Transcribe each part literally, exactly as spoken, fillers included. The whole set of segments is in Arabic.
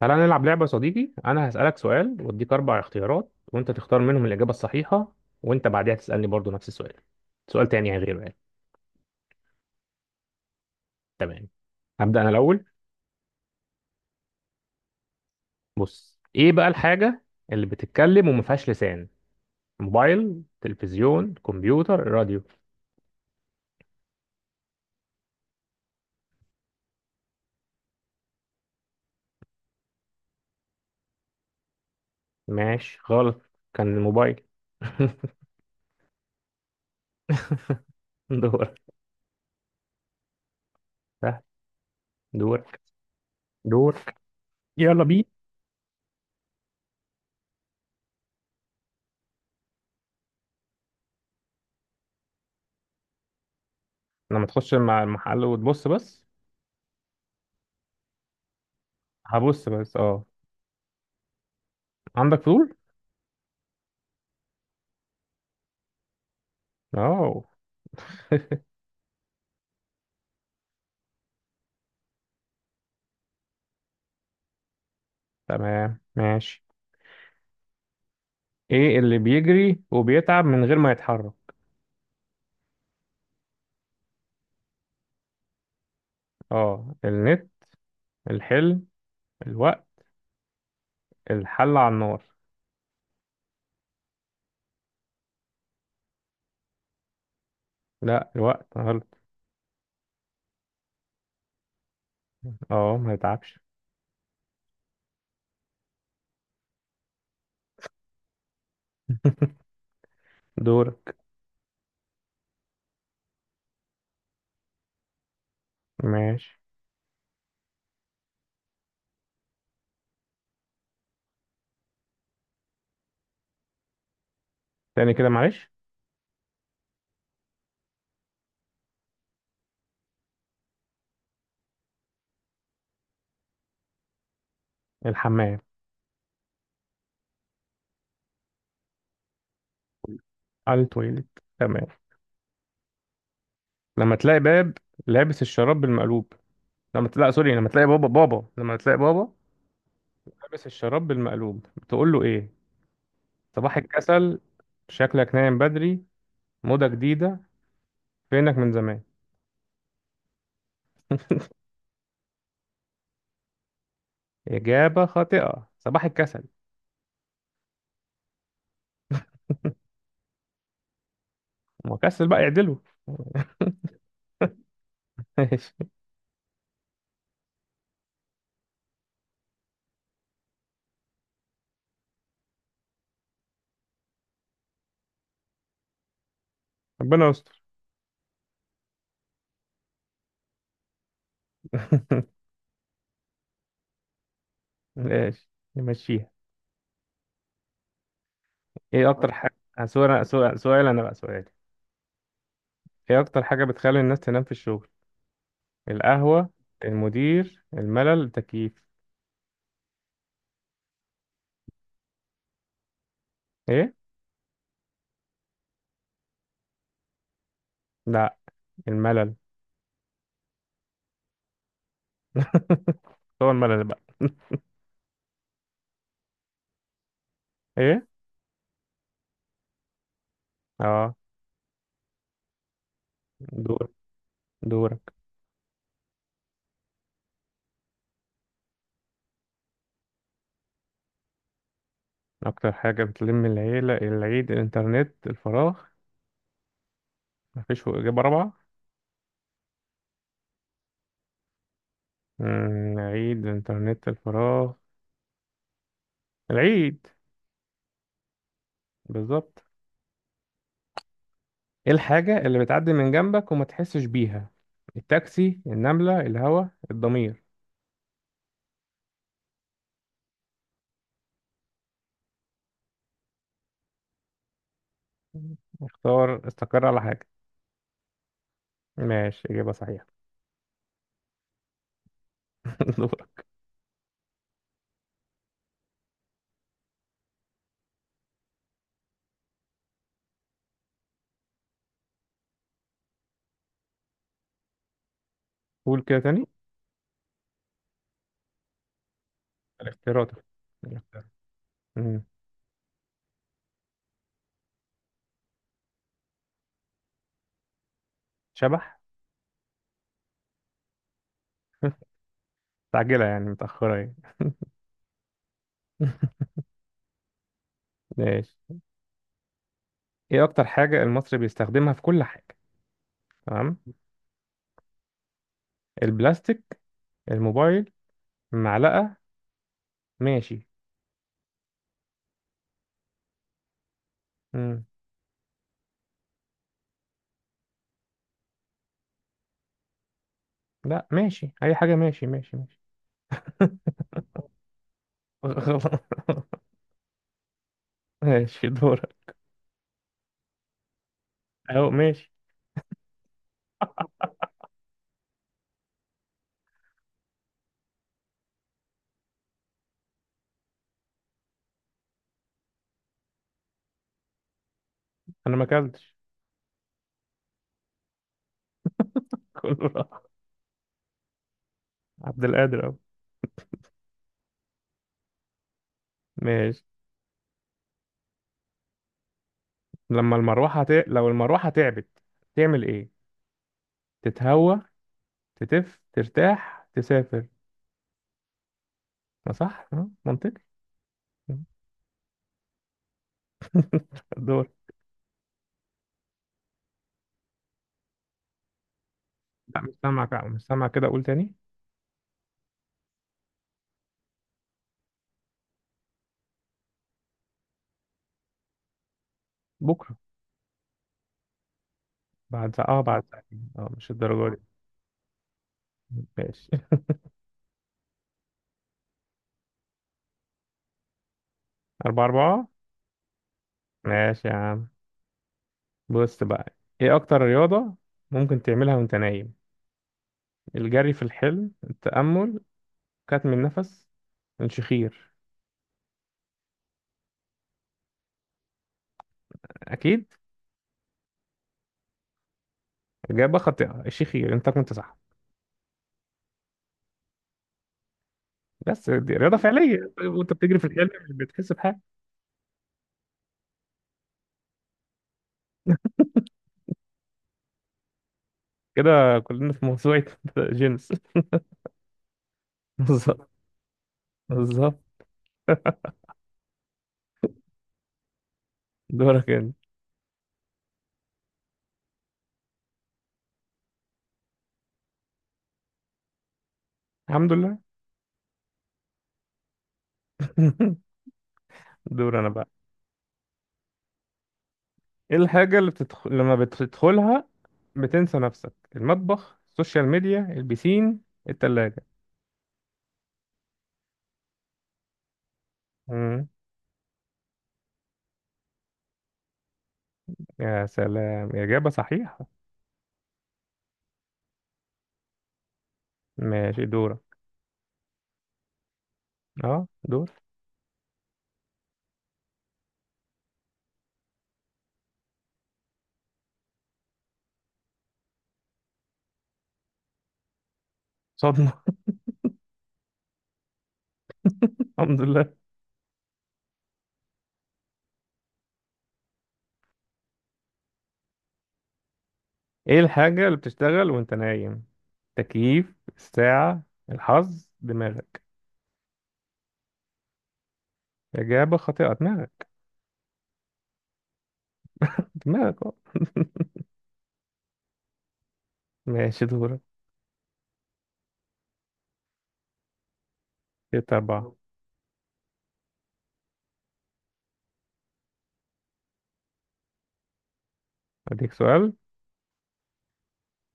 تعالى نلعب لعبة يا صديقي، أنا هسألك سؤال وأديك أربع اختيارات وأنت تختار منهم الإجابة الصحيحة، وأنت بعدها تسألني برضو نفس السؤال، سؤال تاني يعني غيره يعني. تمام. هبدأ أنا الأول. بص، إيه بقى الحاجة اللي بتتكلم وما فيهاش لسان؟ موبايل، تلفزيون، كمبيوتر، راديو. ماشي، غلط، كان الموبايل. دورك. سهل. دورك. دورك. يلا بينا. لما تخش مع المحل وتبص بس، هبص بس، اه. عندك فضول؟ اه. تمام، ماشي. ايه اللي بيجري وبيتعب من غير ما يتحرك؟ اه، النت، الحلم، الوقت، الحل على النار. لا، الوقت غلط، اه ما يتعبش. دورك. ماشي، تاني كده معلش. الحمام. على التويليت. تمام. لما تلاقي باب لابس الشراب بالمقلوب لما تلاقي سوري لما تلاقي بابا بابا لما تلاقي بابا لابس الشراب بالمقلوب، بتقول له ايه؟ صباح الكسل، شكلك نايم بدري، موضة جديدة، فينك من زمان. إجابة خاطئة، صباح الكسل. وكسل بقى يعدله. ماشي. ربنا يستر. ماشي، نمشيها. ايه اكتر حاجه، آه، سؤال سؤال سؤال، انا بقى سؤالي. ايه اكتر حاجه بتخلي الناس تنام في الشغل؟ القهوه، المدير، الملل، التكييف. ايه؟ لا، الملل. هو الملل بقى. ايه. اه، دور. دورك. اكتر حاجه بتلم العيله، العيد، الانترنت، الفراغ؟ مفيش اجابه رابعه؟ مم، عيد، الانترنت، الفراغ. العيد. بالظبط. ايه الحاجة اللي بتعدي من جنبك وما تحسش بيها؟ التاكسي، النملة، الهوا، الضمير. اختار، استقر على حاجة. ماشي، إجابة صحيحة. دورك. قول كده تاني، الاختيارات. الاختيارات. مم. شبح. مستعجلة يعني، متأخرة يعني. ماشي. ايه أكتر حاجة المصري بيستخدمها في كل حاجة؟ تمام. البلاستيك، الموبايل، معلقة. ماشي. مم. لا، ماشي، أي حاجة، ماشي ماشي ماشي. غلط. ماشي، دورك. أهو ماشي. انا ما اكلتش. كله راح. عبد القادر اهو. ماشي. لما المروحه ت... لو المروحه تعبت، تعمل ايه؟ تتهوى، تتف ترتاح، تسافر. ما صح أه، منطقي أه. الدور. لا مش سامع كده، مش سامع كده، اقول تاني. بكره. بعد ساعه اه، بعد ساعتين اه، مش الدرجه دي. ماشي. أربعة أربعة. ماشي يا عم. بص بقى، إيه أكتر رياضة ممكن تعملها وأنت نايم؟ الجري في الحلم، التأمل، كتم النفس، الشخير. أكيد. إجابة خاطئة، الشيخي أنت كنت صح. بس دي رياضة فعلية، طيب وأنت بتجري في الحلم مش بتحس بحاجة؟ كده. كلنا في موسوعة جينيس. بالظبط. بالظبط. دورك أنت. الحمد لله. دور أنا بقى. إيه الحاجة اللي بتدخل... لما بتدخلها بتنسى نفسك؟ المطبخ، السوشيال ميديا، البسين، التلاجة. مم. يا سلام، إجابة صحيحة. ماشي، دورك. أه، دور. صدمة. الحمد لله. ايه الحاجة اللي بتشتغل وانت نايم؟ تكييف، الساعة، الحظ، دماغك. إجابة خاطئة، دماغك. دماغك اه. ماشي، دورك. ستة أربعة. أديك سؤال.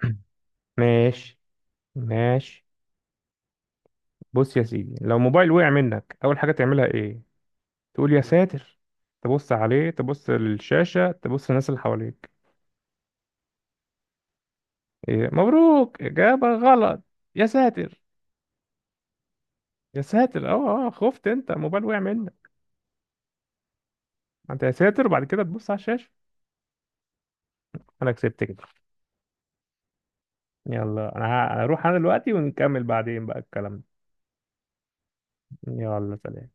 ماشي. ماشي. بص يا سيدي، لو موبايل وقع منك أول حاجة تعملها إيه؟ تقول يا ساتر، تبص عليه، تبص للشاشة، تبص للناس اللي حواليك. إيه؟ مبروك، إجابة غلط. يا ساتر. يا ساتر، اه اه، خفت، أنت الموبايل وقع منك. ما أنت يا ساتر وبعد كده تبص على الشاشة. أنا كسبت كده. يلا انا ه- هروح انا دلوقتي، ونكمل بعدين بقى الكلام. يلا سلام.